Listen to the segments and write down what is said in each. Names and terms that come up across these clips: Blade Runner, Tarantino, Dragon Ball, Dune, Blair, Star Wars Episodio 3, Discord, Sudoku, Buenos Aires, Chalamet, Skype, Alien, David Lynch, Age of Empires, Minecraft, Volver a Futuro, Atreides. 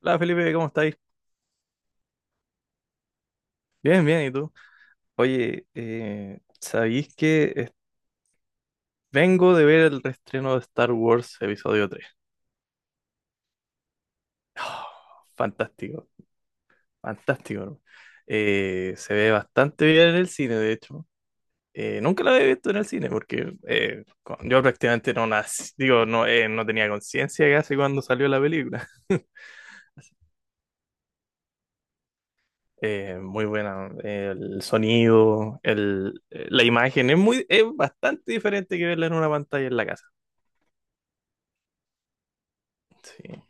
Hola Felipe, ¿cómo estáis? Bien, bien, ¿y tú? Oye, ¿sabéis que vengo de ver el reestreno de Star Wars Episodio 3? Fantástico, fantástico, ¿no? Se ve bastante bien en el cine, de hecho. Nunca la había visto en el cine porque yo prácticamente no nací, digo, no, no tenía conciencia casi cuando salió la película. Muy buena, el sonido, la imagen es muy, es bastante diferente que verla en una pantalla en la casa. Sí.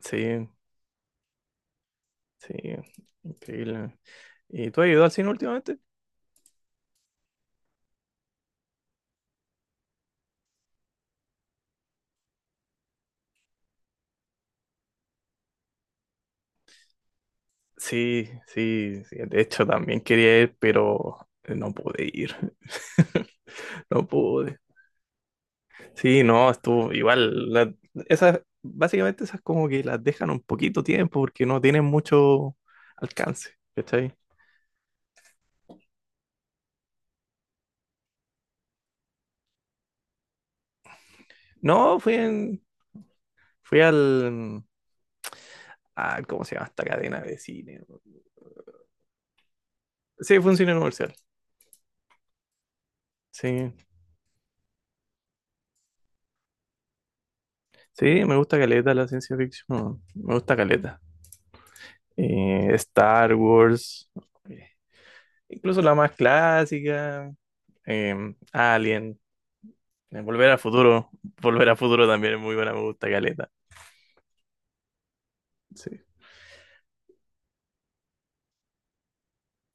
Sí, sí, increíble. ¿Y tú has ido al cine últimamente? Sí, sí, sí. De hecho, también quería ir, pero no pude ir. No pude. Sí, no, estuvo igual. Esas, básicamente esas como que las dejan un poquito tiempo porque no tienen mucho alcance. ¿Cachai? No, fui al, ah, ¿cómo se llama esta cadena de cine? Sí, fue un cine comercial. Sí, sí, me gusta caleta la ciencia ficción. Me gusta caleta. Star Wars, eh, incluso la más clásica, Alien, Volver a Futuro, Volver a Futuro también es muy buena, me gusta Caleta. Sí.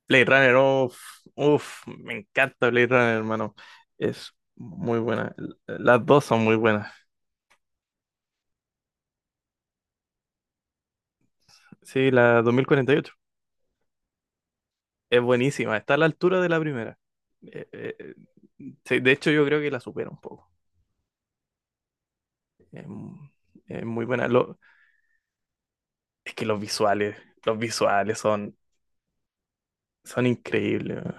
Blade Runner, uff, uff, me encanta Blade Runner, hermano. Es muy buena. Las dos son muy buenas. Sí, la 2048 es buenísima, está a la altura de la primera. Sí, de hecho, yo creo que la supera un poco. Es, mu- es muy buena. Es que los visuales son son increíbles, weón.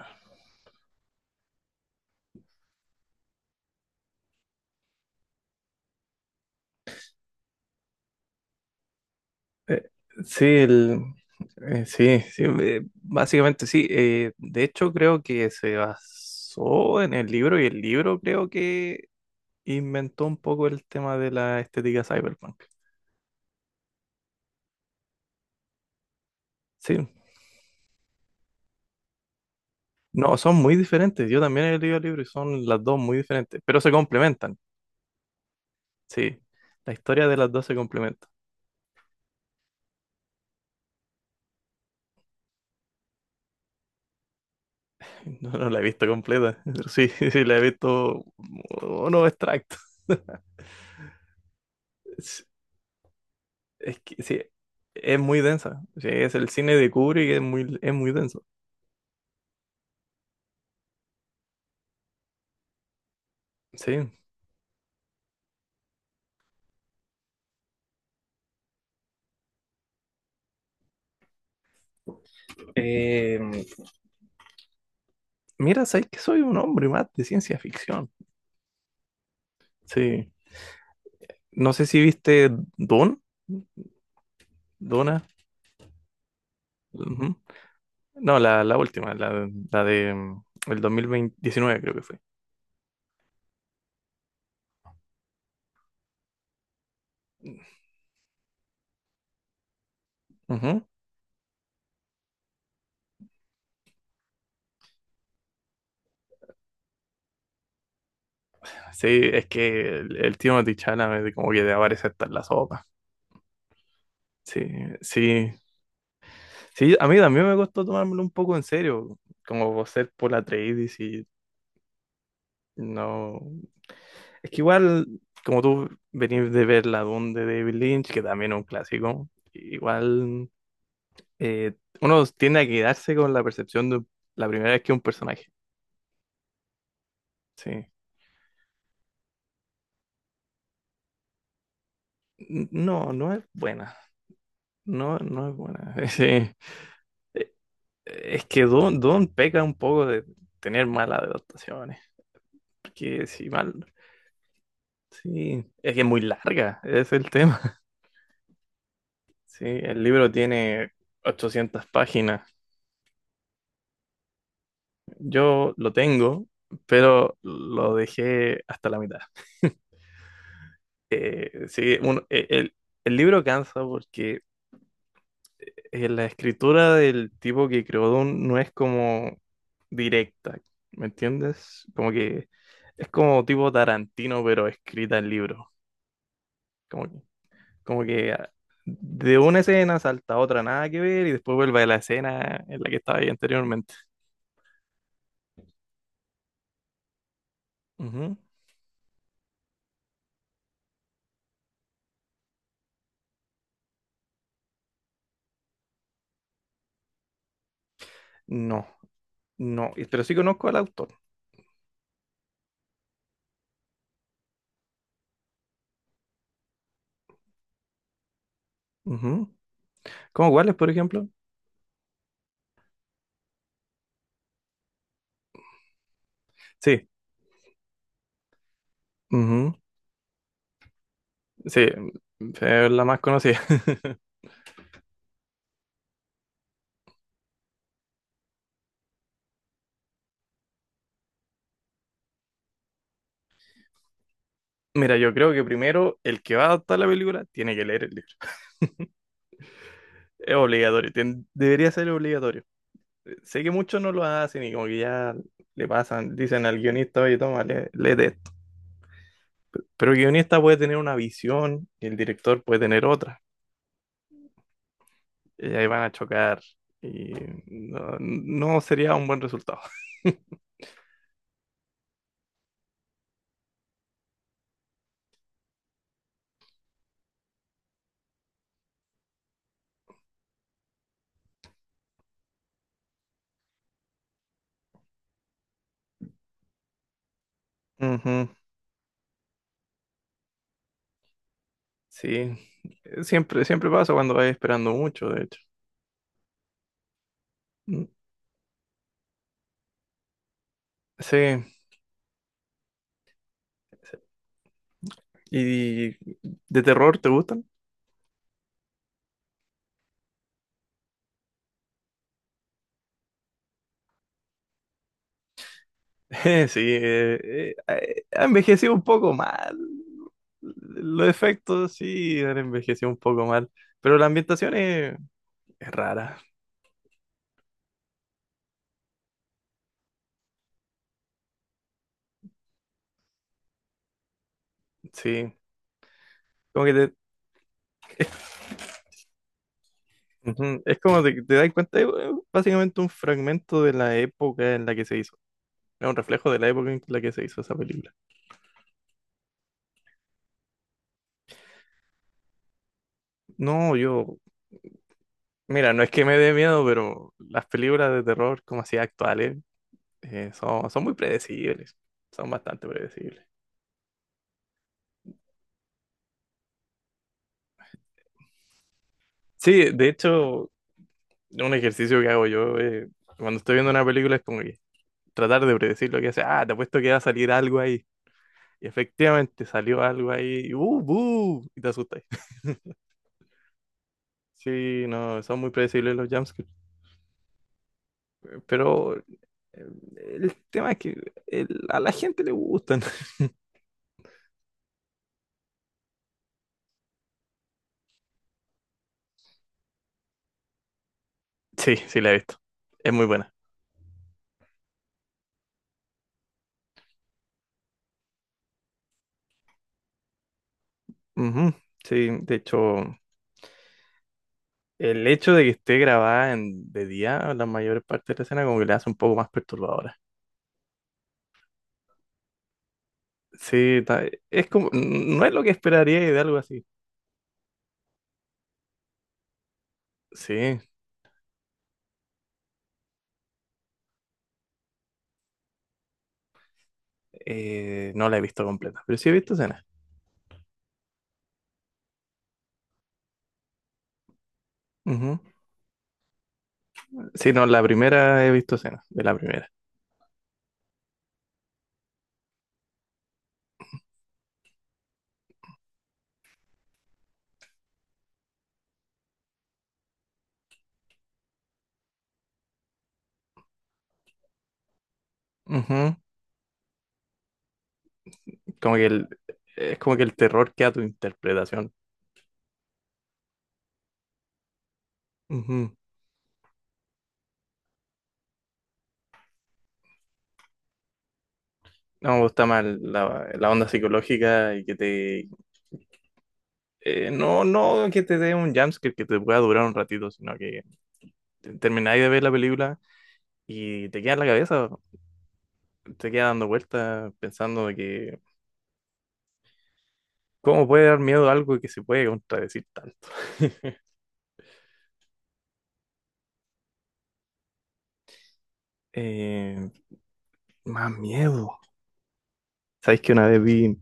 Eh, sí, sí, sí, básicamente sí. De hecho, creo que se basó en el libro y el libro creo que inventó un poco el tema de la estética cyberpunk. Sí, no, son muy diferentes. Yo también he leído el libro y son las dos muy diferentes, pero se complementan. Sí, la historia de las dos se complementa. No, no la he visto completa, pero sí, sí, la he visto uno extractos. Es que sí, es muy densa. Sí, es el cine de Kubrick, es muy denso. Sí. Eh, Mira, sabes que soy un hombre más de ciencia ficción. Sí. No sé si viste Dune, Duna. Ujú. No, la última, la de el 2019 creo que fue. Ujú. Sí, es que el tío Chalamet como que de aparece hasta en la sopa. Sí, sí. Sí, a mí también me costó tomármelo un poco en serio, como por ser por la Atreides y no. Es que igual, como tú venís de ver La Dune de David Lynch, que también es un clásico, igual eh, uno tiende a quedarse con la percepción de la primera vez que un personaje. Sí. No, no es buena. No, no es buena. Sí. Eh, Es que Dune, Dune peca un poco de tener malas adaptaciones. Porque si mal. Sí. Es que es muy larga, ese es el tema. Sí, el libro tiene 800 páginas. Yo lo tengo, pero lo dejé hasta la mitad. Eh, sí, un- eh, el, el libro cansa porque la escritura del tipo que creó Dune no es como directa, ¿me entiendes? Como que es como tipo Tarantino, pero escrita en libro. Como que, como que ah, de una escena salta a otra, nada que ver, y después vuelve a la escena en la que estaba ahí anteriormente. Ujú. No, no, pero sí conozco al autor. Ujú. ¿Cómo cuáles, por ejemplo? Sí, ujú, sí, es la más conocida. Mira, yo creo que primero el que va a adaptar la película tiene que leer el libro. Es obligatorio, debería ser obligatorio. Sé que muchos no lo hacen y como que ya le pasan, dicen al guionista, oye, toma, léete esto. Pero el guionista puede tener una visión y el director puede tener otra. Y ahí van a chocar y no, no sería un buen resultado. Ujú, sí, siempre, siempre pasa cuando vas esperando mucho, de hecho. Mm, sí. ¿Y de terror te gustan? Sí, ha envejecido un poco mal. Los efectos sí han envejecido un poco mal, pero la ambientación es rara, sí. Como que te, ujú, es como te das cuenta, es básicamente un fragmento de la época en la que se hizo. Es un reflejo de la época en la que se hizo esa película. No, yo, mira, no es que me dé miedo, pero las películas de terror como así actuales son, son muy predecibles. Son bastante predecibles. Sí, de hecho, un ejercicio que hago yo cuando estoy viendo una película es como que tratar de predecir lo que hace. Ah, te apuesto que va a salir algo ahí. Y efectivamente salió algo ahí. Y ¡uh, buh! Y te asustas. Sí, no, son muy predecibles los jumpscares. Pero el tema es que a la gente le gustan. Sí, sí, la he visto. Es muy buena. Ujú, sí, de hecho, el hecho de que esté grabada en, de día, la mayor parte de la escena, como que le hace un poco más perturbadora. Sí, es como, no es lo que esperaría de algo así. Sí, no la he visto completa, pero sí he visto escenas. Ujú. Sí, no, la primera he visto escenas, de la primera. Ujú. Como que el, es como que el terror queda a tu interpretación. Ujú. No me gusta más la, la onda psicológica y que te... no, no que te dé un jumpscare que te pueda durar un ratito, sino que termináis de ver la película y te queda en la cabeza, te queda dando vueltas pensando de que ¿cómo puede dar miedo algo que se puede contradecir tanto? Eh, más miedo. ¿Sabéis que una vez vi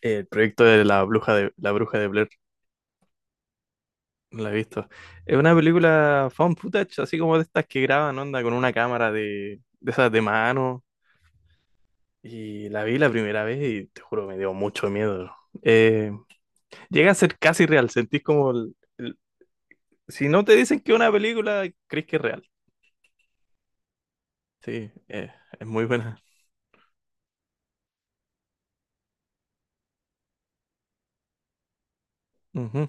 el proyecto de la bruja de Blair? No la he visto. Es una película found footage, así como de estas que graban onda con una cámara de esas de mano. Y la vi la primera vez y te juro me dio mucho miedo. Eh, Llega a ser casi real. Sentís como si no te dicen que es una película, crees que es real. Sí, es muy buena. Ujú,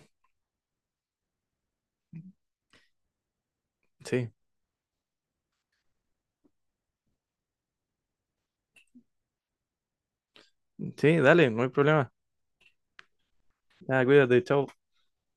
sí, sí, dale, no hay problema. Ah, cuídate, chao.